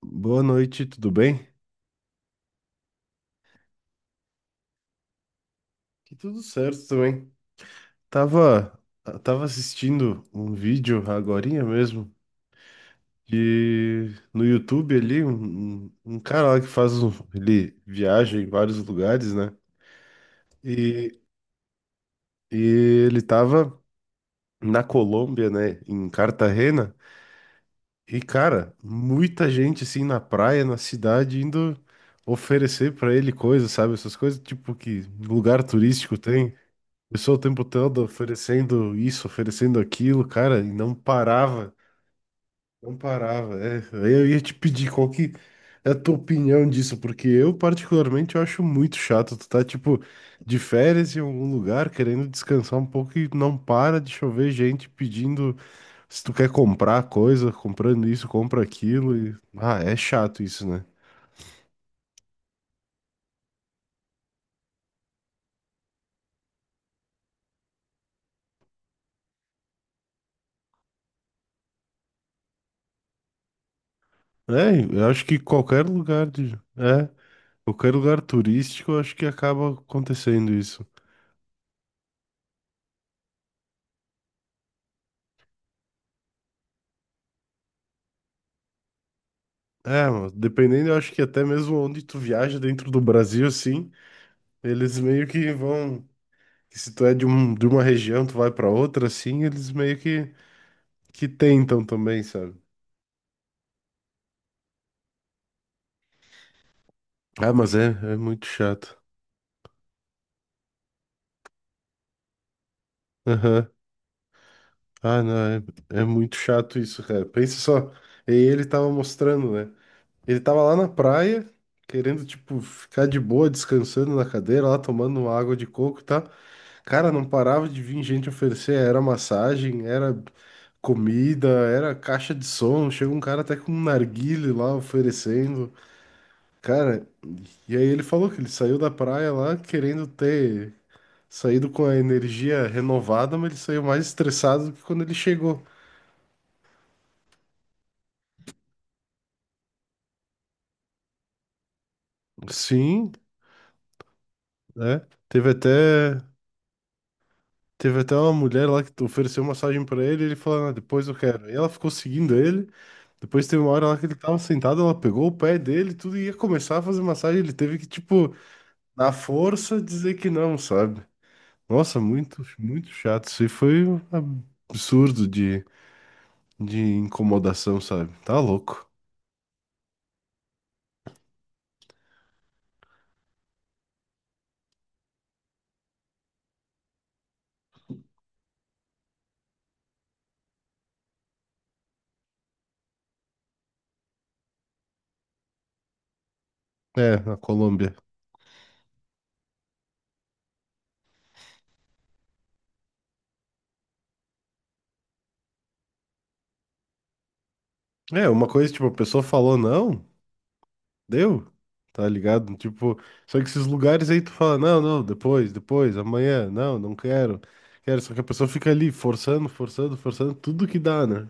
Boa noite, tudo bem? Que tudo certo também. Tava, tava assistindo um vídeo agorinha mesmo, de no YouTube ali, um cara lá que faz um, ele viaja em vários lugares, né? E, e ele tava na Colômbia, né, em Cartagena, e cara, muita gente assim na praia, na cidade, indo oferecer pra ele coisas, sabe? Essas coisas tipo que lugar turístico tem. Pessoal, o tempo todo oferecendo isso, oferecendo aquilo, cara, e não parava, não parava. É, aí eu ia te pedir qual que é a tua opinião disso, porque eu particularmente eu acho muito chato. Tu tá, tipo, de férias em algum lugar, querendo descansar um pouco e não para de chover gente pedindo se tu quer comprar coisa, comprando isso, compra aquilo. E... Ah, é chato isso, né? É, eu acho que qualquer lugar de... É, qualquer lugar turístico, eu acho que acaba acontecendo isso. É, mano, dependendo, eu acho que até mesmo onde tu viaja dentro do Brasil, assim, eles meio que vão. Que Se tu é de, um, de uma região, tu vai pra outra, assim, eles meio que tentam também, sabe? Ah, mas é, é muito chato. Aham. Ah, não, é, é muito chato isso, cara. Pensa só. E ele tava mostrando, né? Ele tava lá na praia, querendo, tipo, ficar de boa, descansando na cadeira, lá tomando água de coco e tal. Cara, não parava de vir gente oferecer, era massagem, era comida, era caixa de som. Chega um cara até com um narguilé lá oferecendo. Cara, e aí ele falou que ele saiu da praia lá querendo ter saído com a energia renovada, mas ele saiu mais estressado do que quando ele chegou. Sim, né? Teve até. Teve até uma mulher lá que ofereceu massagem pra ele, e ele falou, "Ah, depois eu quero." E ela ficou seguindo ele. Depois teve uma hora lá que ele tava sentado, ela pegou o pé dele, e tudo e ia começar a fazer massagem. Ele teve que, tipo, na força dizer que não, sabe? Nossa, muito, muito chato. Isso aí foi um absurdo de incomodação, sabe? Tá louco. É, a Colômbia. É, uma coisa, tipo, a pessoa falou não, deu, tá ligado? Tipo, só que esses lugares aí tu fala, não, não, depois, depois, amanhã, não, não quero, quero. Só que a pessoa fica ali forçando, forçando, forçando, tudo que dá, né?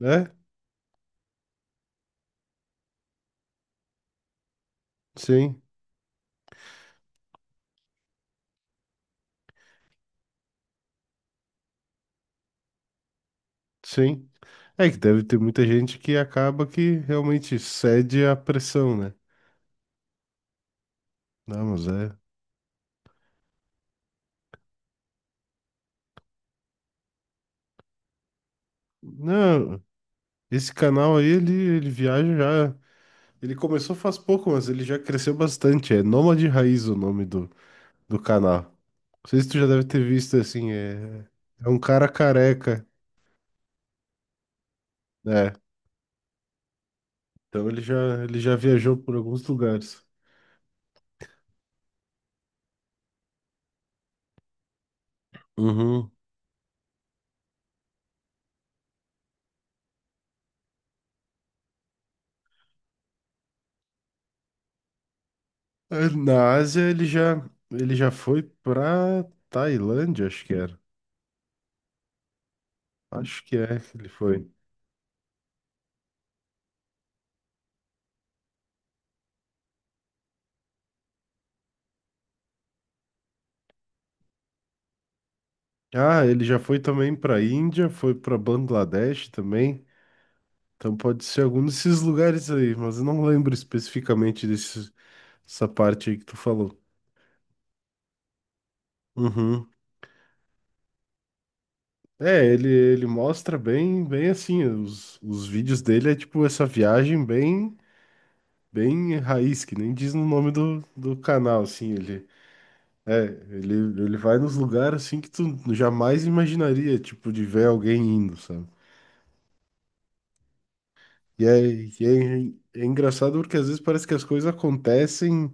É, sim, sim. É que deve ter muita gente que acaba que realmente cede à pressão, né? Não, mas é. Não, esse canal aí, ele viaja já. Ele começou faz pouco, mas ele já cresceu bastante. É Nômade Raiz o nome do, do canal. Não sei se tu já deve ter visto assim. É, é um cara careca, né? Então ele já viajou por alguns lugares. Uhum. É, na Ásia ele já foi pra Tailândia, acho que era. Acho que é que ele foi. Ah, ele já foi também pra Índia, foi pra Bangladesh também. Então pode ser algum desses lugares aí, mas eu não lembro especificamente desse, dessa parte aí que tu falou. Uhum. É, ele mostra bem, bem assim, os vídeos dele é tipo essa viagem bem, bem raiz, que nem diz no nome do, do canal, assim, ele, é, ele, ele vai nos lugares assim que tu jamais imaginaria, tipo, de ver alguém indo, sabe? E é, é engraçado porque às vezes parece que as coisas acontecem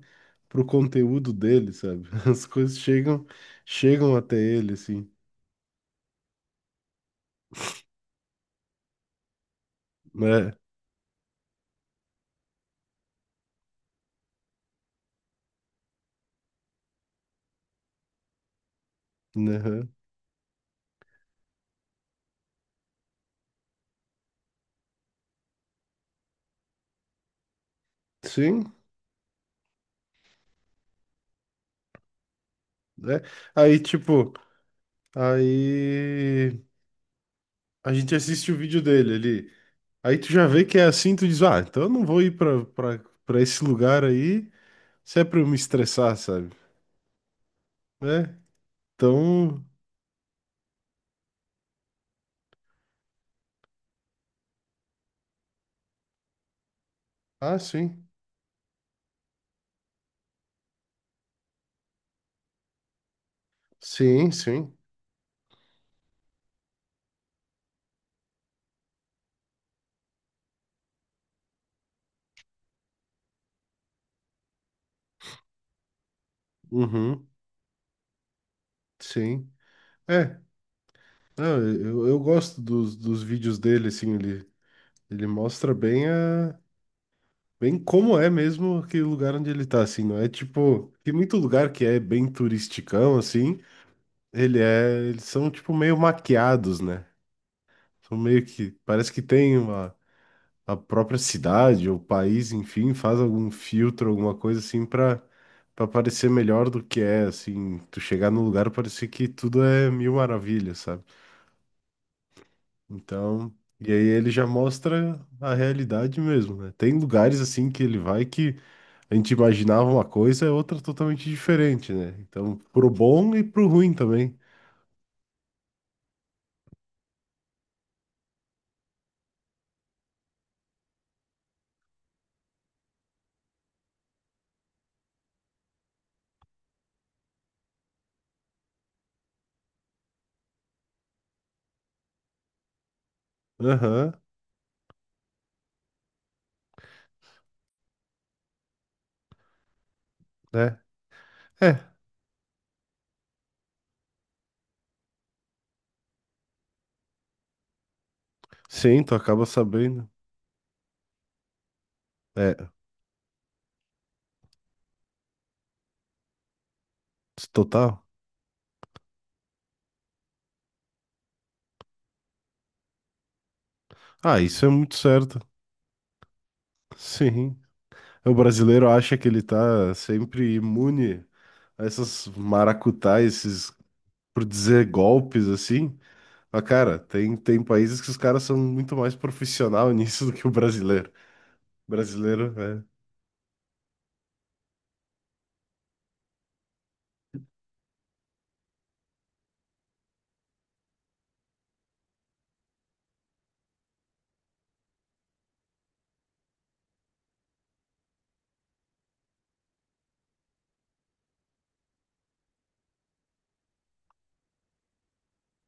pro conteúdo dele, sabe? As coisas chegam, chegam até ele, assim, É, né? Sim, né? Aí, tipo, aí a gente assiste o vídeo dele ali. Aí tu já vê que é assim, tu diz, ah, então eu não vou ir pra, pra, pra esse lugar aí se é pra eu me estressar, sabe? Né? Então, ah, sim. Sim, sim. Uhum, sim. É, não, eu gosto dos, dos vídeos dele, assim, ele mostra bem a, bem, como é mesmo aquele lugar onde ele tá, assim, não é tipo, tem muito lugar que é bem turisticão, assim, ele é, eles são tipo meio maquiados, né? São meio que, parece que tem uma, a própria cidade ou país, enfim, faz algum filtro, alguma coisa assim pra, pra parecer melhor do que é, assim, tu chegar no lugar parecer que tudo é mil maravilhas, sabe? Então, e aí ele já mostra a realidade mesmo, né? Tem lugares assim que ele vai que a gente imaginava uma coisa, é outra totalmente diferente, né? Então, pro bom e pro ruim também. Aham, né? É, sim, tu acaba sabendo. É, total. Ah, isso é muito certo. Sim. O brasileiro acha que ele tá sempre imune a essas maracutais, esses, por dizer, golpes assim. Mas, cara, tem países que os caras são muito mais profissional nisso do que o brasileiro. Brasileiro, é.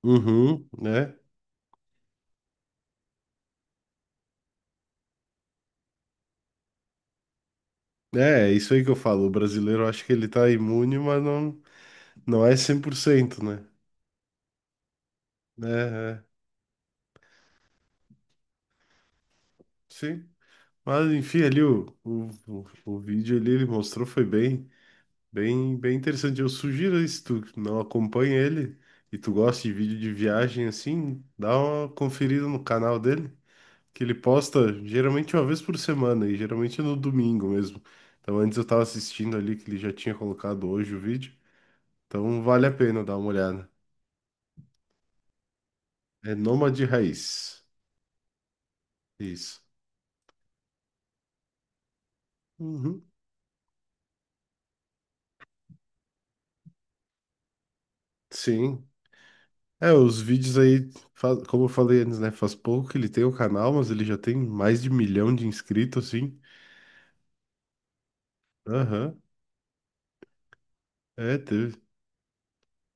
Uhum, né? É, é isso aí que eu falo. O brasileiro eu acho que ele tá imune, mas não, não é 100%, né? É, é. Sim. Mas, enfim, ali o vídeo ali ele mostrou foi bem, bem, bem interessante. Eu sugiro aí, se tu não acompanha ele e tu gosta de vídeo de viagem assim, dá uma conferida no canal dele. Que ele posta geralmente uma vez por semana e geralmente é no domingo mesmo. Então antes eu tava assistindo ali que ele já tinha colocado hoje o vídeo. Então vale a pena dar uma olhada. É Nômade Raiz. Isso. Uhum. Sim. É, os vídeos aí, como eu falei antes, né? Faz pouco que ele tem o canal, mas ele já tem mais de milhão de inscritos, assim. Aham. É, teve,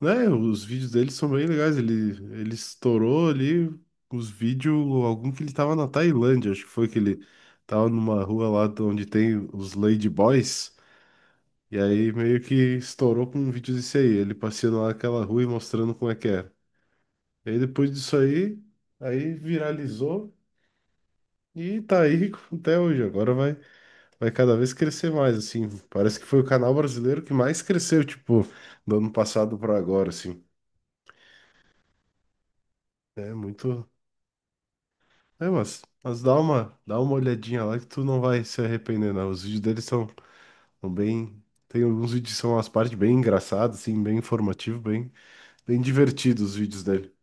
né, os vídeos dele são bem legais. Ele estourou ali os vídeos, algum que ele tava na Tailândia, acho que foi que ele tava numa rua lá de onde tem os Lady Boys, e aí meio que estourou com um vídeo desse aí, ele passeando lá naquela rua e mostrando como é que era. E aí depois disso aí, aí viralizou e tá aí até hoje. Agora vai, vai cada vez crescer mais, assim. Parece que foi o canal brasileiro que mais cresceu, tipo, do ano passado pra agora, assim. É muito, é, mas dá uma olhadinha lá que tu não vai se arrepender, não. Os vídeos deles são, são bem. Tem alguns vídeos que são as partes bem engraçadas, assim, bem informativo, bem, bem divertidos os vídeos dele.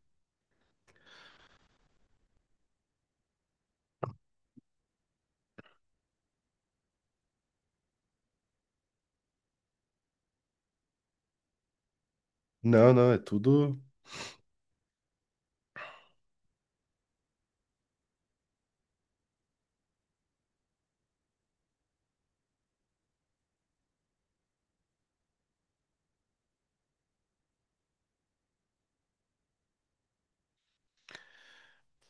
Não, não, é tudo.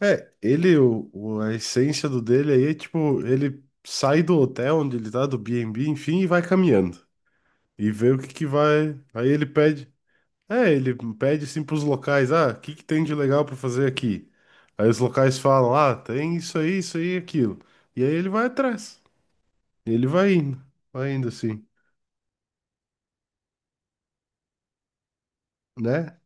É, ele, o a essência do dele aí é tipo, ele sai do hotel onde ele tá, do B&B, enfim, e vai caminhando. E vê o que que vai. Aí ele pede. É, ele pede assim pros locais, ah, o que que tem de legal pra fazer aqui? Aí os locais falam, ah, tem isso aí, e aquilo. E aí ele vai atrás. E ele vai indo assim, né?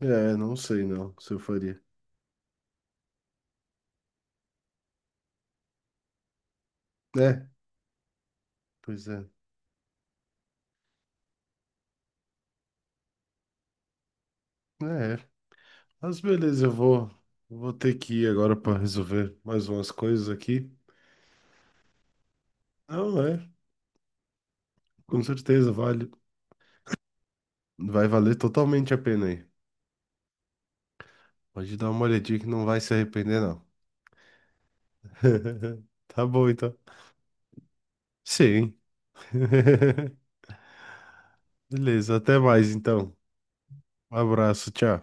É, não sei não, se eu faria. É, pois é. É, mas beleza, eu vou, vou ter que ir agora pra resolver mais umas coisas aqui. Não, é, com certeza vale, vai valer totalmente a pena aí. Pode dar uma olhadinha que não vai se arrepender não. Tá bom então. Sim. Beleza, até mais então. Um abraço, tchau.